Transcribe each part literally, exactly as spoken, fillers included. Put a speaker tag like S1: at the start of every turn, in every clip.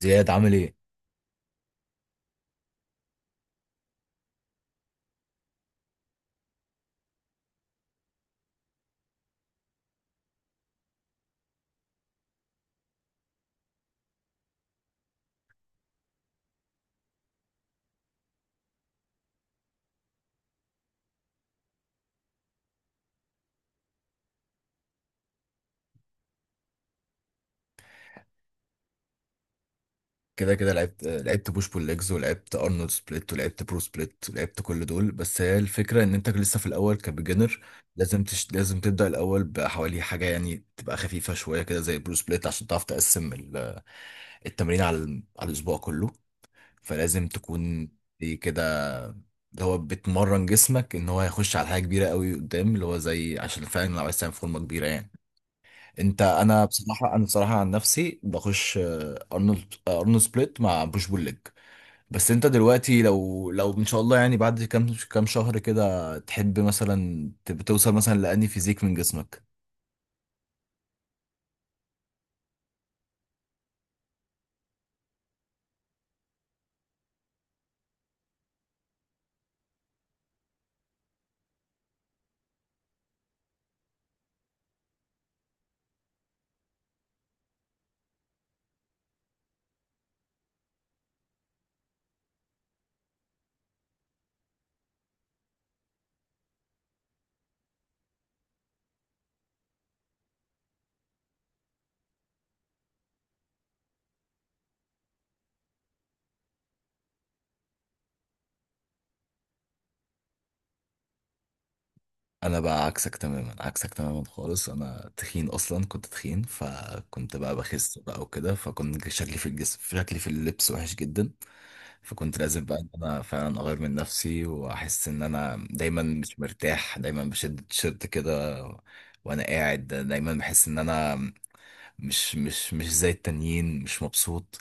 S1: زياد، عامل ايه؟ كده كده لعبت لعبت بوش بول ليجز، ولعبت ارنولد سبليت، ولعبت برو سبليت، ولعبت كل دول. بس هي الفكره ان انت لسه في الاول كبيجنر. لازم تش... لازم تبدا الاول بحوالي حاجه يعني تبقى خفيفه شويه كده زي برو سبليت عشان تعرف تقسم ال... التمرين على ال- على الاسبوع كله. فلازم تكون دي كده اللي هو بتمرن جسمك ان هو هيخش على حاجه كبيره قوي قدام اللي هو زي، عشان فعلا لو عايز تعمل فورمه كبيره يعني. انت انا بصراحه، انا بصراحه عن نفسي بخش آه، ارنولد، آه، ارنولد سبليت مع بوش بول ليج. بس انت دلوقتي لو لو ان شاء الله يعني بعد كام كام شهر كده تحب مثلا تب- توصل مثلا لاني فيزيك من جسمك. انا بقى عكسك تماما، عكسك تماما خالص. انا تخين، اصلا كنت تخين، فكنت بقى بخس بقى وكده، فكنت شكلي في الجسم، شكلي في اللبس وحش جدا. فكنت لازم بقى ان انا فعلا اغير من نفسي، واحس ان انا دايما مش مرتاح، دايما بشد التيشيرت كده، وانا قاعد دايما بحس ان انا مش مش مش زي التانيين، مش مبسوط.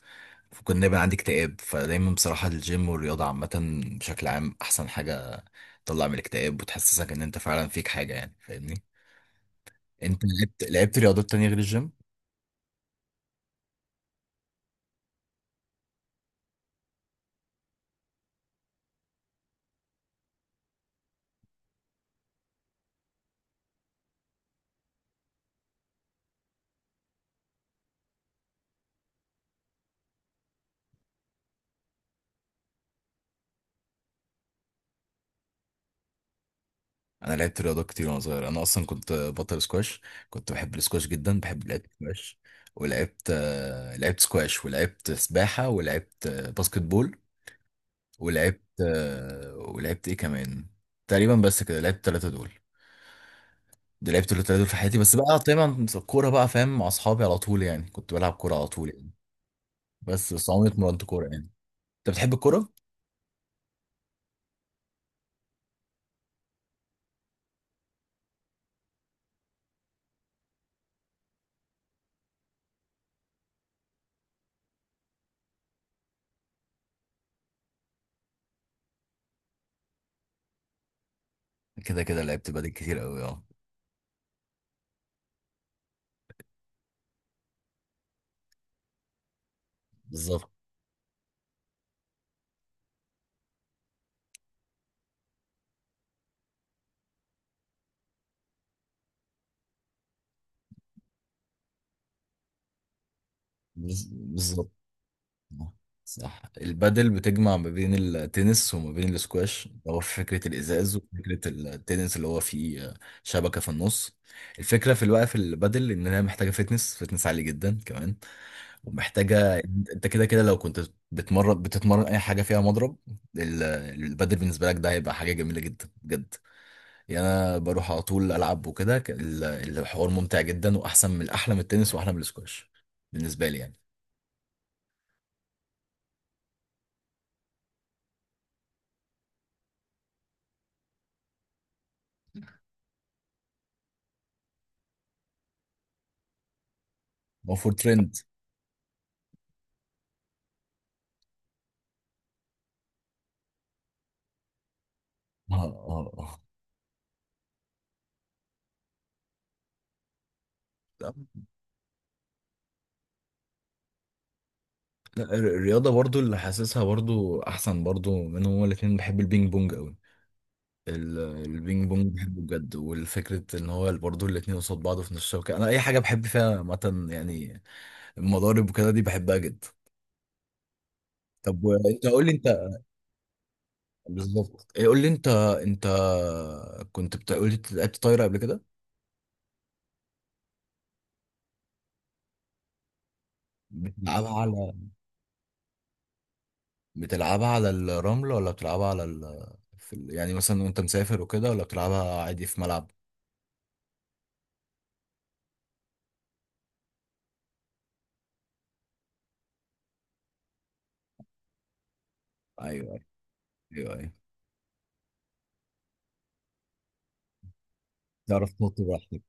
S1: فكنت دايما عندي اكتئاب. فدايما بصراحة الجيم والرياضة عامة بشكل عام أحسن حاجة تطلع من الاكتئاب وتحسسك إن أنت فعلا فيك حاجة، يعني فاهمني. أنت لعبت لعبت رياضات تانية غير الجيم؟ أنا لعبت رياضات كتير وأنا صغير. أنا أصلا كنت بطل سكواش، كنت بحب السكواش جدا، بحب لعبة سكواش. ولعبت، آه، لعبت سكواش، ولعبت سباحة، ولعبت آه، باسكت بول، ولعبت، آه، ولعبت إيه كمان، تقريبا بس كده. لعبت التلاتة دول، ده لعبت التلاتة دول في حياتي. بس بقى طبعا الكورة بقى، فاهم، مع أصحابي على طول يعني، كنت بلعب كورة على طول يعني. بس بس عمري اتمرنت كورة يعني. أنت بتحب الكورة؟ كده كده لعبت بادل كتير قوي، اه. بالظبط. بز- بالظبط. آه، صح، البادل بتجمع ما بين التنس وما بين الاسكواش. هو في فكرة الإزاز وفكرة التنس اللي هو فيه، آه، شبكة في النص. الفكرة في الوقت في البادل إن هي محتاجة فتنس، فتنس عالي جدا كمان، ومحتاجه. انت كده كده لو كنت بتمرن، بتتمرن اي حاجه فيها مضرب، ال- البادل بالنسبه لك ده هيبقى حاجه جميله جدا بجد. يعني انا بروح على طول العب وكده، ك- ال- الحوار ممتع جدا، واحسن من، احلى من التنس واحلى من السكواش بالنسبه لي يعني. هو فور ترند. اه، اه، اه. لا، لا، الر- الرياضه برضو اللي حاسسها برضو احسن برضو منهم هما الاثنين، بحب البينج بونج قوي. ال- البينج بونج بحبه بجد. والفكرة ان هو برضه الاتنين قصاد بعض في نفس الشبكة. انا اي حاجة بحب فيها مثلا يعني المضارب وكده دي بحبها جدا. طب انت، قول لي انت، بالظبط، إيه، قول لي انت. انت كنت بتقول لي لعبت طايره قبل كده. بتلعبها على، بتلعبها على الرمل ولا بتلعبها على ال... في ال... يعني مثلا وانت مسافر وكده، ولا بتلعبها عادي في ملعب؟ ايوه، ايوه، ايوه، تعرف تنط براحتك.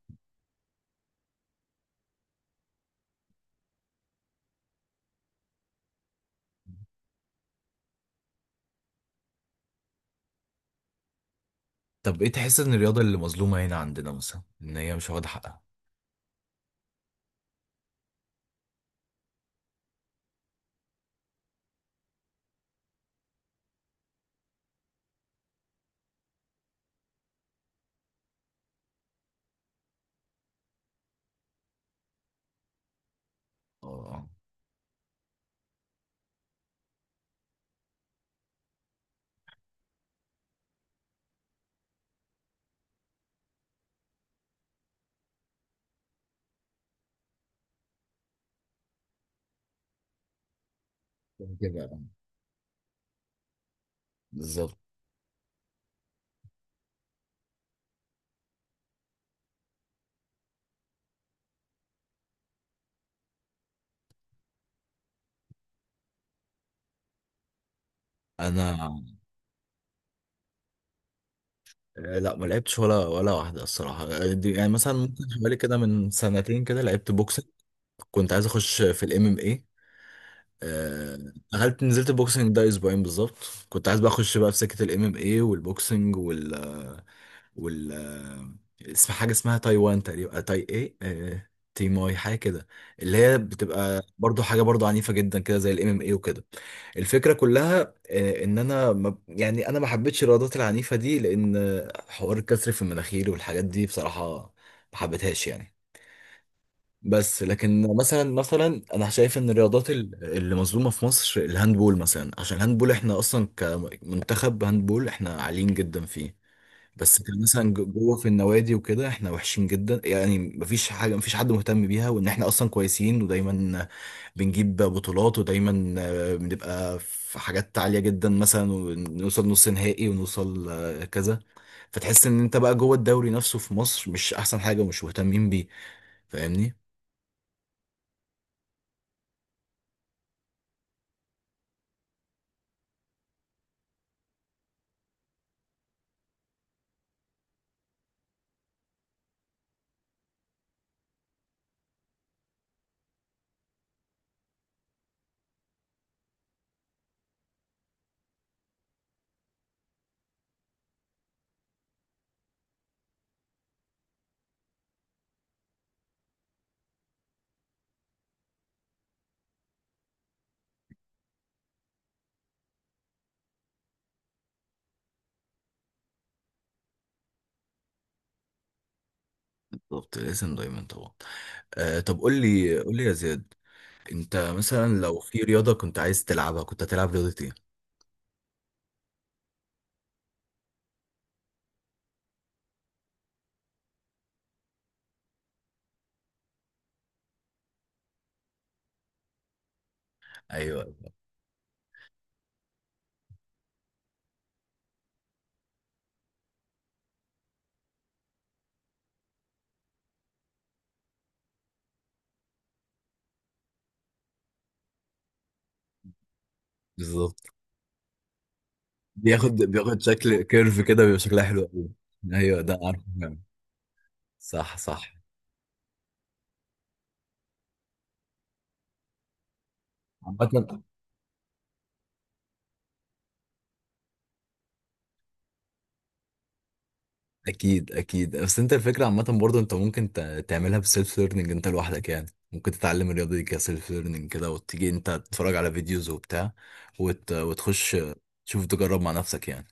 S1: طب ايه تحس ان الرياضه اللي مظلومه هنا عندنا مثلا ان هي مش واخده حقها؟ اه، كده، بالظبط. انا، آه، لا ما لعبتش ولا، ولا واحدة الصراحة. آه، دي يعني مثلا ممكن حوالي كده من سنتين كده لعبت بوكسنج. كنت عايز اخش في الام ام، آه، دخلت، نزلت البوكسنج ده اسبوعين بالظبط. كنت عايز بقى اخش بقى في سكه الام ام اي والبوكسنج وال وال اسم حاجه اسمها تايوان تقريبا، آه، تاي ايه، آه، تيماي حاجه كده، اللي هي بتبقى برضو حاجه برضو عنيفه جدا كده زي الام ام اي وكده. الفكره كلها آه، ان انا ما يعني، انا ما حبيتش الرياضات العنيفه دي، لان حوار الكسر في المناخير والحاجات دي بصراحه ما حبيتهاش يعني. بس لكن مثلا، مثلا انا شايف ان الرياضات ال- اللي مظلومه في مصر الهاندبول مثلا. عشان الهاندبول احنا اصلا كمنتخب هاندبول احنا عاليين جدا فيه. بس كان مثلا ج- جوه في النوادي وكده احنا وحشين جدا يعني. مفيش حاجه، مفيش حد مهتم بيها وان احنا اصلا كويسين ودايما بنجيب بطولات، ودايما آه، بنبقى في حاجات عاليه جدا مثلا، ونوصل نص نهائي، ونوصل آه، كذا. فتحس ان انت بقى جوه الدوري نفسه في مصر مش احسن حاجه ومش مهتمين بيه، فاهمني. بالظبط، الاسم دايما طبعا. آه، طب قول لي قول لي يا زياد، انت مثلا لو في رياضة كنت عايز تلعبها كنت هتلعب رياضة ايه؟ ايوه، بالظبط. بياخد بياخد شكل كيرف كده، بيبقى شكلها حلو قوي. ايوه، ده عارفه فعلا. صح، صح. عامة. اكيد، اكيد. بس انت الفكرة عامة برضه انت ممكن ت- تعملها بسيلف ليرنينج انت لوحدك يعني. ممكن تتعلم الرياضة دي كسيلف ليرنينج كده، وتيجي انت تتفرج على فيديوز وبتاع وت... وتخش تشوف، تجرب مع نفسك يعني.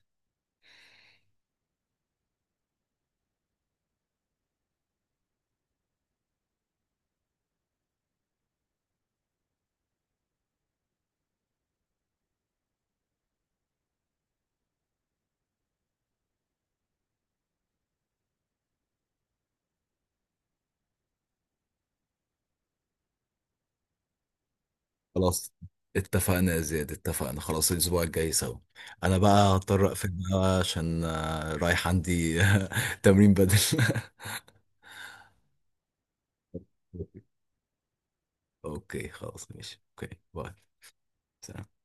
S1: خلاص، اتفقنا يا زياد، اتفقنا خلاص، الاسبوع الجاي سوا. انا بقى هضطر اقفل بقى عشان، آه، رايح عندي تمرين بدل. اوكي، خلاص، ماشي، اوكي، باي. سلام.